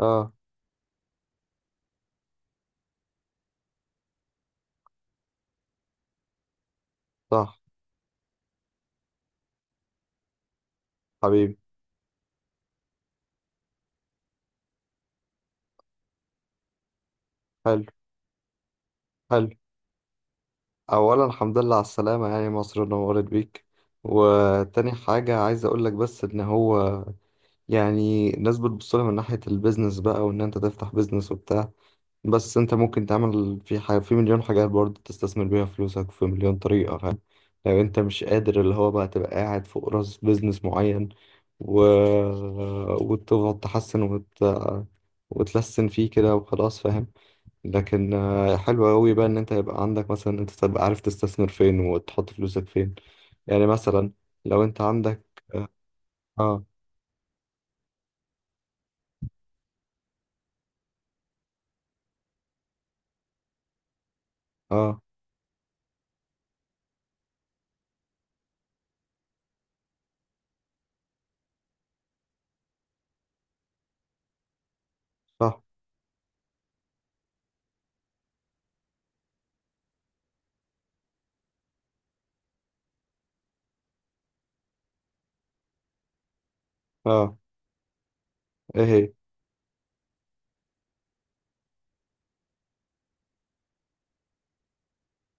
اه، صح، حبيبي. حلو حلو، اولا الحمد لله على السلامه، يعني مصر نورت بيك. وتاني حاجه عايز اقول لك بس ان هو يعني الناس بتبص لها من ناحيه البيزنس بقى، وان انت تفتح بيزنس وبتاع. بس انت ممكن تعمل في حاجه في مليون حاجات برضه، تستثمر بيها فلوسك في مليون طريقه، فاهم. لو انت مش قادر اللي هو بقى تبقى قاعد فوق راس بيزنس معين و... وتفضل تحسن وتلسن فيه كده وخلاص، فاهم. لكن حلو قوي بقى ان انت يبقى عندك مثلا، انت تبقى عارف تستثمر فين وتحط فلوسك فين. يعني مثلا لو انت عندك. اه اه، صح. اه، ايه هي؟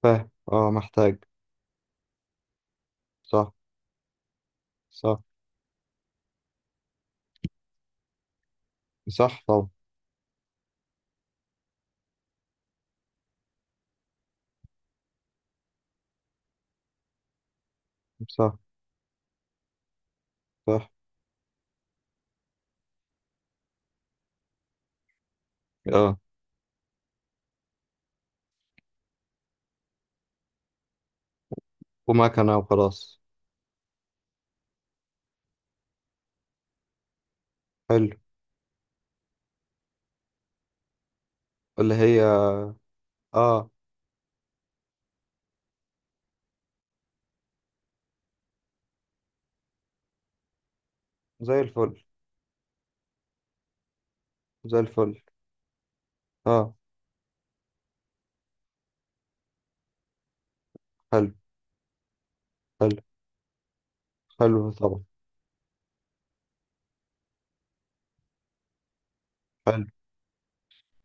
فاهم، اه، محتاج. صح صح صح، طبعا. صح صح، اه، ومكنة وخلاص. حلو، اللي هي اه. زي الفل، زي الفل. اه، حلو حلو. حلو طبعا. حلو،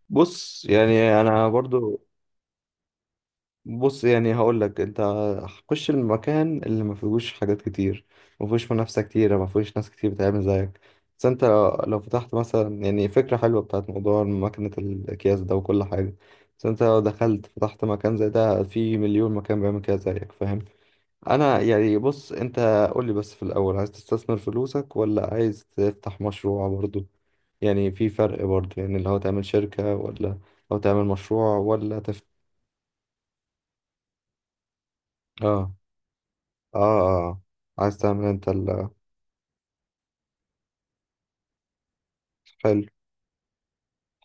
بص يعني انا برضو. بص يعني هقول لك انت، خش المكان اللي ما فيهوش حاجات كتير، ما فيهوش منافسه كتير، ما فيهوش ناس كتير بتعمل زيك. بس انت لو فتحت مثلا يعني فكره حلوه بتاعت موضوع ماكينه الاكياس ده وكل حاجه. بس انت لو دخلت فتحت مكان زي ده، في مليون مكان بيعمل كده زيك، فاهم. انا يعني بص انت، قول لي بس في الاول، عايز تستثمر فلوسك ولا عايز تفتح مشروع برضو؟ يعني في فرق برضو، يعني اللي هو تعمل شركه ولا لو تعمل مشروع ولا تفتح. اه اه، عايز تعمل انت ال. حلو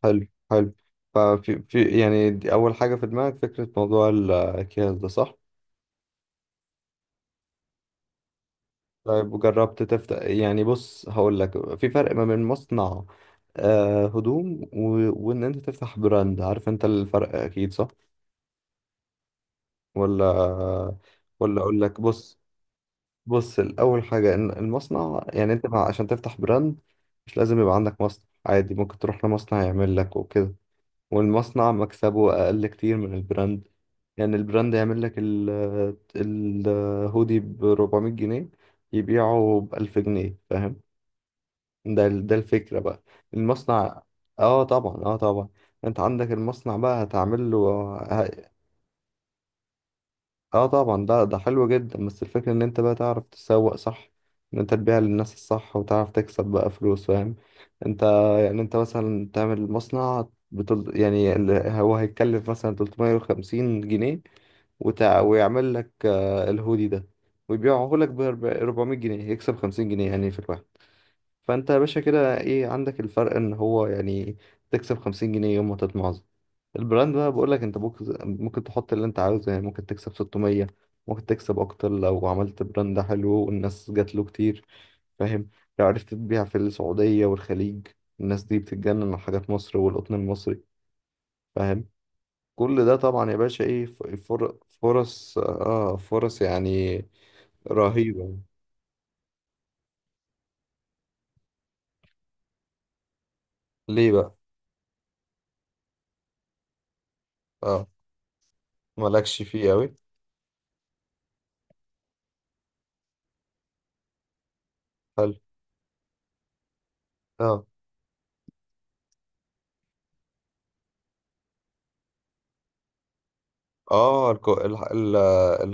حلو حلو، ففي يعني دي أول حاجة في دماغك، فكرة موضوع الأكياس ده، صح؟ طيب وجربت تفتح؟ يعني بص هقول لك، في فرق ما بين مصنع آه هدوم، وإن أنت تفتح براند، عارف أنت الفرق أكيد، صح؟ ولا؟ ولا أقول لك؟ بص، بص الأول حاجة إن المصنع، يعني عشان تفتح براند مش لازم يبقى عندك مصنع، عادي ممكن تروح لمصنع يعمل لك وكده، والمصنع مكسبه أقل كتير من البراند. يعني البراند يعمل لك ال الهودي ب 400 جنيه، يبيعه ب 1000 جنيه، فاهم. ده الفكرة بقى. المصنع، اه طبعا اه طبعا، انت عندك المصنع بقى هتعمل له. اه طبعا، ده ده حلو جدا، بس الفكرة ان انت بقى تعرف تسوق صح، ان انت تبيع للناس الصح وتعرف تكسب بقى فلوس، فاهم. انت يعني انت مثلا تعمل مصنع يعني ال، هو هيتكلف مثلا 350 جنيه، ويعمل لك الهودي ده، ويبيعه لك ب 400 جنيه، يكسب 50 جنيه يعني في الواحد. فانت يا باشا كده ايه عندك الفرق، ان هو يعني تكسب 50 جنيه يوم ما تطمع. البراند بقى بقول لك انت ممكن، ممكن تحط اللي انت عاوزه، يعني ممكن تكسب 600، ممكن تكسب اكتر لو عملت براند حلو والناس جات له كتير، فاهم. لو عرفت تبيع في السعودية والخليج، الناس دي بتتجنن على حاجات مصر والقطن المصري، فاهم. كل ده طبعا يا باشا ايه فرص، اه فرص يعني رهيبة. ليه بقى؟ اه، مالكش فيه قوي. حلو، اه اه، الكو... ال... ال...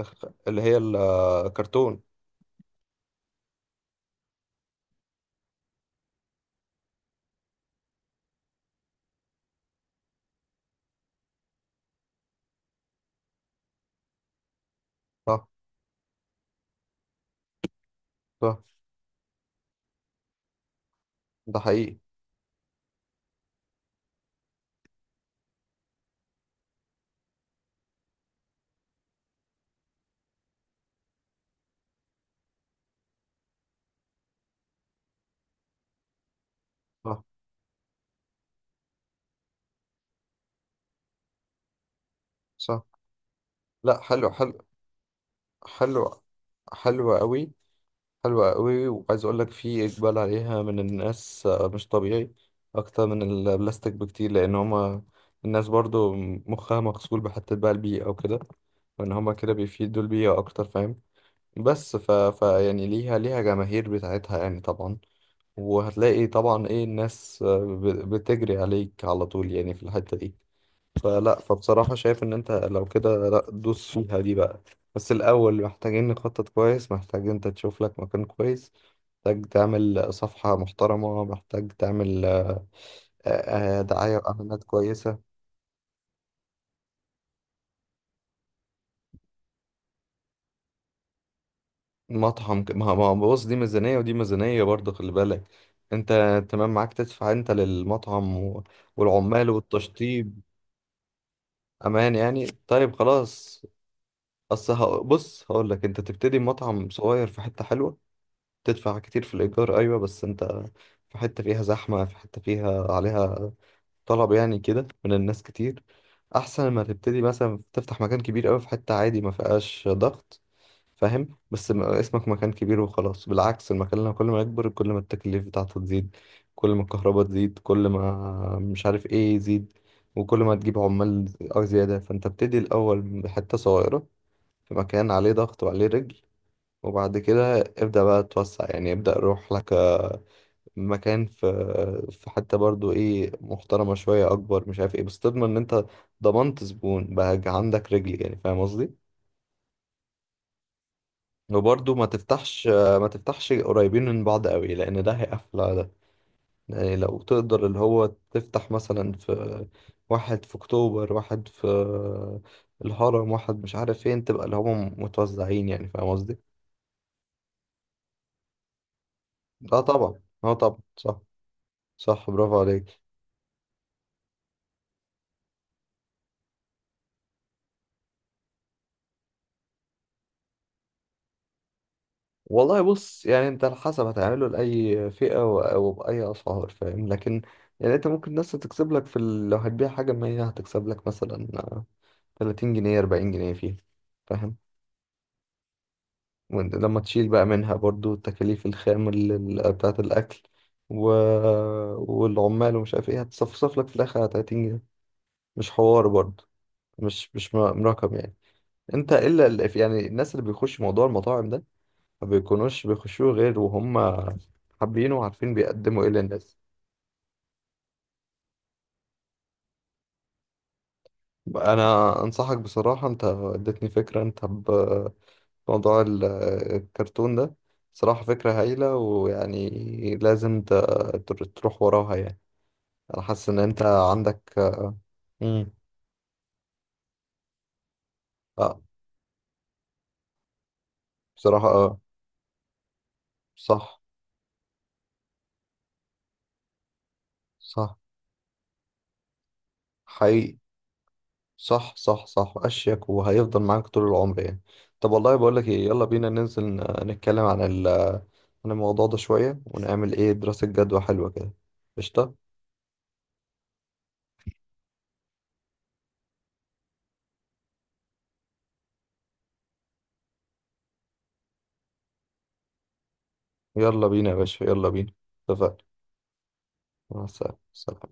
ال- اللي هي الكرتون. صح صح، ده حقيقي. صح. لا، حلو حلو حلو، حلوة قوي. حلوة قوي، وعايز اقول لك في اقبال عليها من الناس مش طبيعي، اكتر من البلاستيك بكتير، لان هما الناس برضو مخها مغسول بحتة بقى البيئة او كده، وان هما كده بيفيدوا البيئة اكتر، فاهم. بس ف يعني ليها جماهير بتاعتها يعني طبعا، وهتلاقي طبعا ايه الناس بتجري عليك على طول يعني في الحتة دي. فلا فبصراحة شايف إن أنت لو كده، لا دوس فيها دي بقى. بس الأول محتاجين نخطط كويس، محتاج أنت تشوف لك مكان كويس، محتاج تعمل صفحة محترمة، محتاج تعمل دعاية وإعلانات كويسة. مطعم ك- ما ما بص دي ميزانية ودي ميزانية برضه، خلي بالك. أنت تمام معاك تدفع أنت للمطعم والعمال والتشطيب. أمان يعني، طيب خلاص. بص هقول لك، أنت تبتدي مطعم صغير في حتة حلوة، تدفع كتير في الإيجار أيوة، بس أنت في حتة فيها زحمة، في حتة فيها عليها طلب يعني كده من الناس كتير، أحسن ما تبتدي مثلا تفتح مكان كبير أوي في حتة عادي ما فيهاش ضغط، فاهم. اسمك مكان كبير وخلاص، بالعكس المكان لما كل ما يكبر كل ما التكاليف بتاعته تزيد، كل ما الكهرباء تزيد، كل ما مش عارف ايه يزيد، وكل ما تجيب عمال أو زيادة. فانت ابتدي الأول بحتة صغيرة في مكان عليه ضغط وعليه رجل، وبعد كده ابدأ بقى توسع، يعني ابدأ روح لك مكان في حتة برضو ايه محترمة شوية أكبر مش عارف ايه، بس تضمن إن أنت ضمنت زبون بقى عندك رجل، يعني فاهم قصدي؟ وبرضو ما تفتحش قريبين من بعض قوي، لأن ده هيقفل على ده. يعني لو تقدر اللي هو تفتح مثلا في واحد في أكتوبر، واحد في الهرم، واحد مش عارف فين، تبقى اللي هم متوزعين، يعني فاهم قصدي؟ اه طبعا اه طبعا صح، صح برافو عليك. والله بص يعني انت على حسب هتعمله لأي فئة أو بأي أسعار، فاهم، لكن يعني انت ممكن الناس تكسب لك في ال، لو هتبيع حاجة مية هتكسب لك مثلا تلاتين جنيه أربعين جنيه فيها، فاهم. وانت لما تشيل بقى منها برضو تكاليف الخام بتاعة الأكل و... والعمال ومش عارف ايه، هتصفصف لك في الآخر على تلاتين جنيه، مش حوار برضو، مش رقم يعني. انت يعني الناس اللي بيخش موضوع المطاعم ده ما بيكونوش بيخشوه غير وهم حابينه وعارفين بيقدموا ايه للناس. انا انصحك بصراحة، انت اديتني فكرة انت بموضوع ال- الكرتون ده، صراحة فكرة هايلة، ويعني لازم تروح وراها يعني. انا حاسس ان انت عندك. مم. اه، بصراحة اه. صح صح، حقيقي. صح صح صح، اشيك، وهيفضل معاك طول العمر يعني. طب والله بقول لك ايه، يلا بينا ننزل نتكلم عن ال، عن الموضوع ده شوية، ونعمل ايه دراسة جدوى حلوة كده. قشطة. يلا بينا يا باشا، يلا بينا. اتفقنا. مع السلامة، سلام.